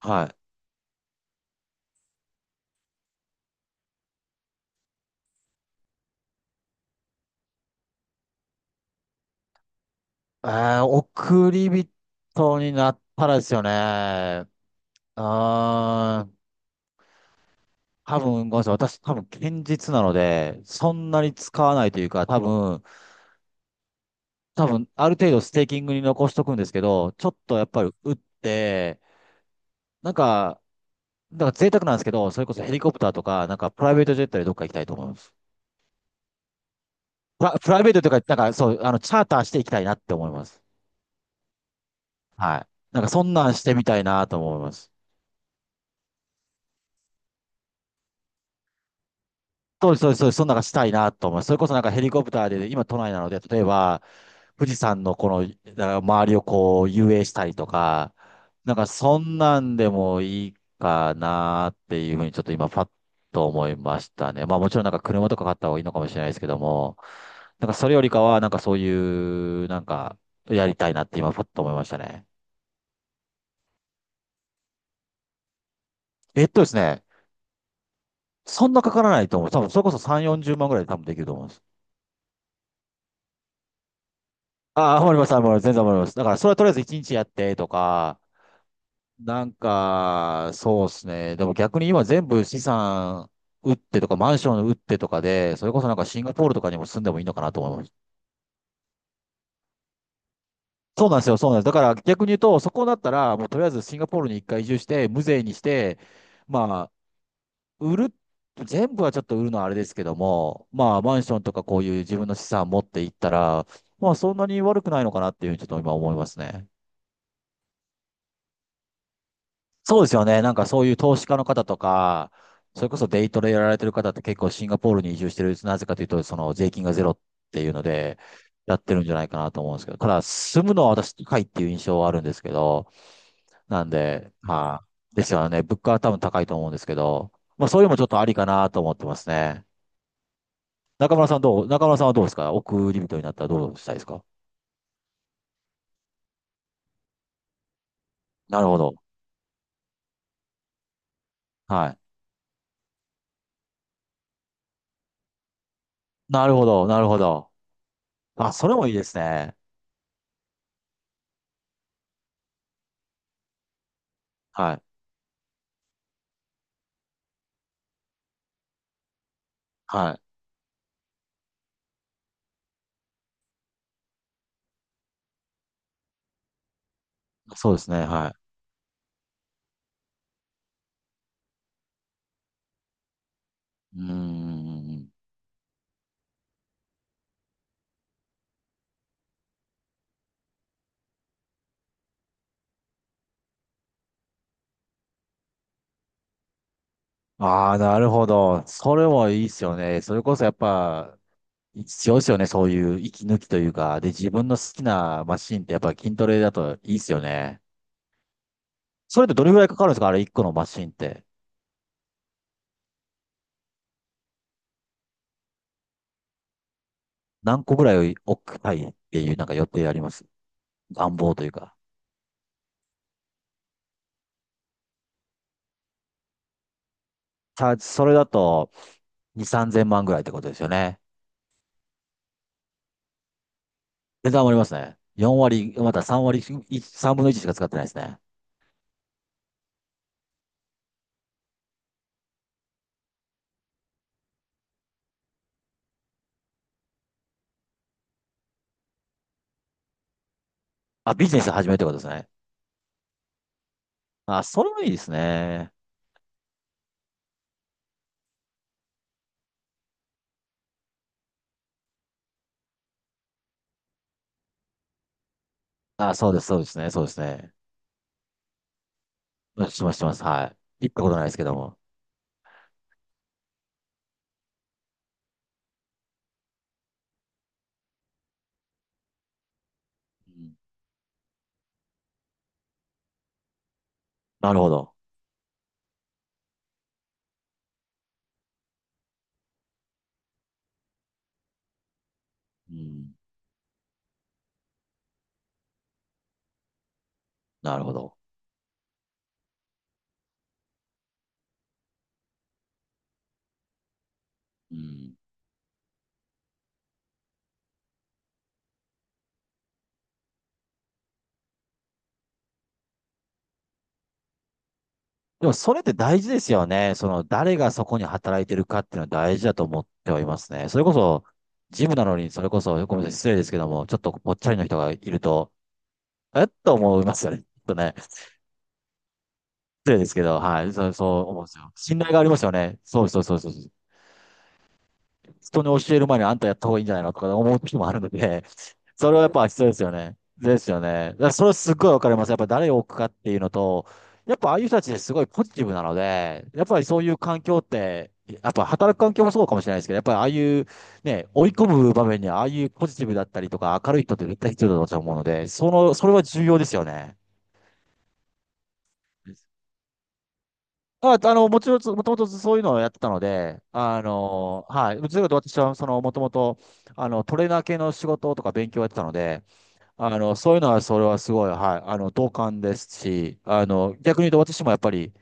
はい。え送り人になったらですよね。うーん。多分、ごめんなさい。私、多分、堅実なので、そんなに使わないというか、多分、ある程度ステーキングに残しとくんですけど、ちょっとやっぱり打って、なんか、なんか贅沢なんですけど、それこそヘリコプターとか、なんかプライベートジェットでどっか行きたいと思います。プライベートとか、なんかそう、チャーターしていきたいなって思います。はい。なんか、そんなんしてみたいなと思います。そうです、そうです、そうです。そんなのがしたいなと思います。それこそなんかヘリコプターで、今都内なので、例えば、富士山のこの、だから周りをこう遊泳したりとか、なんかそんなんでもいいかなっていうふうにちょっと今パッと思いましたね。まあもちろんなんか車とか買った方がいいのかもしれないですけども、なんかそれよりかはなんかそういう、なんかやりたいなって今パッと思いましたね。えっとですね、そんなかからないと思う。多分それこそ3、40万ぐらいで多分できると思うんです。ああ、わかります、わかります。全然わかります。だから、それはとりあえず一日やってとか、なんか、そうですね。でも逆に今全部資産売ってとか、マンション売ってとかで、それこそなんかシンガポールとかにも住んでもいいのかなと思います。そうなんですよ、そうなんです。だから逆に言うと、そこだったら、もうとりあえずシンガポールに一回移住して、無税にして、まあ、売る、全部はちょっと売るのはあれですけども、まあ、マンションとかこういう自分の資産持っていったら、まあ、そんなに悪くないのかなっていうふうにちょっと今思いますね。そうですよね。なんかそういう投資家の方とか、それこそデイトレやられてる方って結構シンガポールに移住してる、なぜかというと、その税金がゼロっていうので、やってるんじゃないかなと思うんですけど、ただ住むのは私高いっていう印象はあるんですけど、なんで、まあ、ですよね。物価は多分高いと思うんですけど、まあそういうのもちょっとありかなと思ってますね。中村さんはどうですか？億り人になったらどうしたいですか？なるほど。はい。なるほど、なるほど。あ、それもいいですね。はい。はい。そうですね。はい。うーん。ああ、なるほど。それもいいっすよね。それこそやっぱ、必要っすよね。そういう息抜きというか。で、自分の好きなマシンってやっぱ筋トレだといいっすよね。それってどれぐらいかかるんですか？あれ1個のマシンって。何個ぐらい置きたいっていうなんか予定あります？願望というか。チャージ、それだと2、3千万ぐらいってことですよね。値段上がりますね。4割、また3割、3分の1しか使ってないですね。あ、ビジネス始めるってことですね。あ、それもいいですね。あ、そうです、そうですね、そうですね。うん、します、します。はい。行ったことないですけども。うん。なるほど。うん。なるほど。うん。でも、それって大事ですよね。その、誰がそこに働いてるかっていうのは大事だと思ってはいますね。それこそ、ジムなのに、それこそ、ごめんなさい、失礼ですけども、ちょっとぽっちゃりの人がいると、えっと思いますよね。ちょっとね、失礼ですけど、はい、そう、そう思うんですよ。信頼がありますよね。そうそうそうそう。人に教える前にあんたやった方がいいんじゃないのとか思う時もあるので、それはやっぱ必要ですよね。ですよね。だからそれはすっごいわかります。やっぱ誰を置くかっていうのと、やっぱああいう人たちですごいポジティブなので、やっぱりそういう環境って、やっぱ働く環境もそうかもしれないですけど、やっぱりああいうね、追い込む場面にああいうポジティブだったりとか明るい人って絶対必要だと私は思うので、その、それは重要ですよね。あ、もちろん、もともとそういうのをやってたので、はい。どちらかというと私は、その、もともと、トレーナー系の仕事とか勉強をやってたので、そういうのは、それはすごい、はい。同感ですし、逆に言うと私もやっぱり、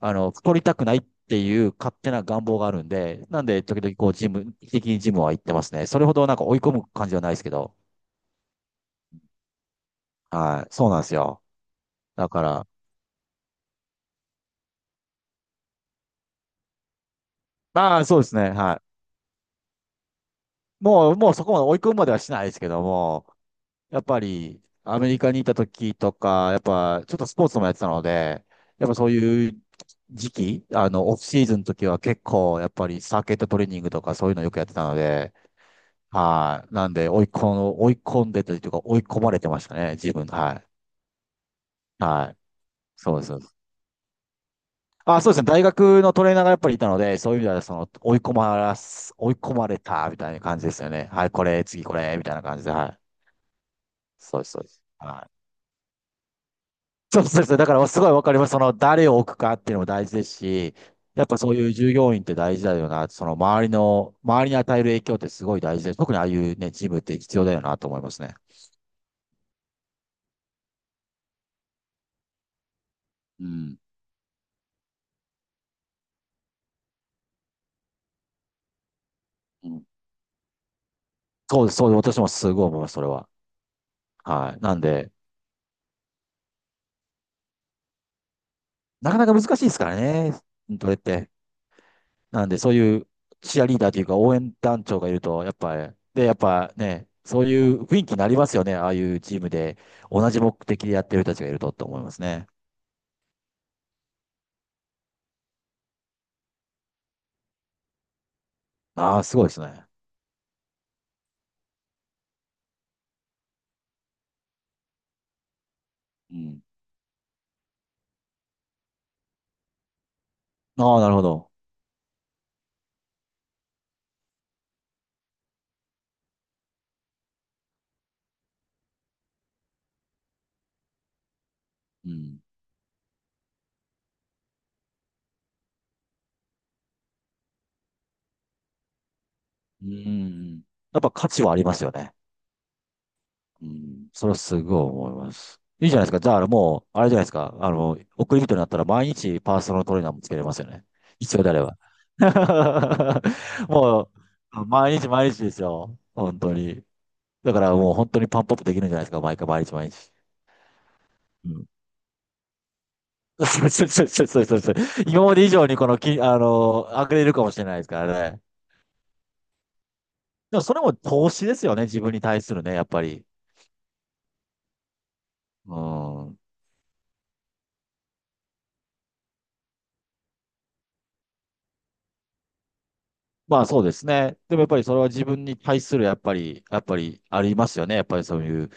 太りたくないっていう勝手な願望があるんで、なんで、時々、こう、ジム、定期的にジムは行ってますね。それほどなんか追い込む感じはないですけど、はい。そうなんですよ。だから、まあ、そうですね、はい。もう、もうそこまで追い込むまではしないですけども、やっぱりアメリカにいた時とか、やっぱちょっとスポーツもやってたので、やっぱそういう時期、オフシーズンの時は結構やっぱりサーキットトレーニングとかそういうのよくやってたので、はい。なんで追い込んでというか追い込まれてましたね、自分。はい。はい。そうです。そうです。あ、そうですね。大学のトレーナーがやっぱりいたので、そういう意味ではその追い込まれたみたいな感じですよね。はい、これ、次これ、みたいな感じで、はい。そうです、そうです。はい、そうそうそう。だからすごいわかります。その誰を置くかっていうのも大事ですし、やっぱそういう従業員って大事だよな。その周りの、周りに与える影響ってすごい大事です。特にああいうね、ジムって必要だよなと思いますね。うん。うん、そうです、そうです。私もすごい思います、それは。はい。なんで、なかなか難しいですからね、筋れって。なんで、そういうチアリーダーというか応援団長がいると、やっぱり、で、やっぱね、そういう雰囲気になりますよね。ああいうチームで、同じ目的でやってる人たちがいるとって思いますね。ああ、すごいですね。うん。ああ、なるほど。うん。うん。やっぱ価値はありますよね。うん。それはすごい思います。いいじゃないですか。じゃあ、もう、あれじゃないですか。送り人になったら毎日パーソナルトレーナーもつけれますよね。必要であれば。もう、毎日毎日ですよ。本当に。だからもう本当にパンプアップできるんじゃないですか。毎回毎日毎日。うん。そうそうそうそうそうそう。今まで以上にこのき、あの、上げれるかもしれないですからね。でもそれも投資ですよね。自分に対するね、やっぱり。うん。まあそうですね。でもやっぱりそれは自分に対するやっぱり、やっぱりありますよね。やっぱりそういう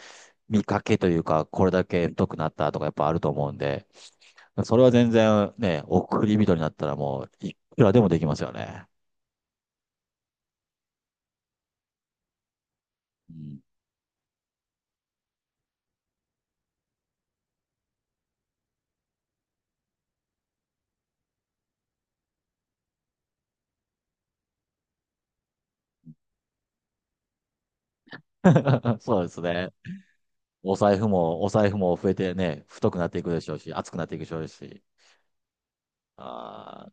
見かけというか、これだけ太くなったとかやっぱあると思うんで、それは全然ね、送り人になったらもういくらでもできますよね。うん。 そうですね。お財布も、お財布も増えてね、太くなっていくでしょうし、厚くなっていくでしょうし。あーまあ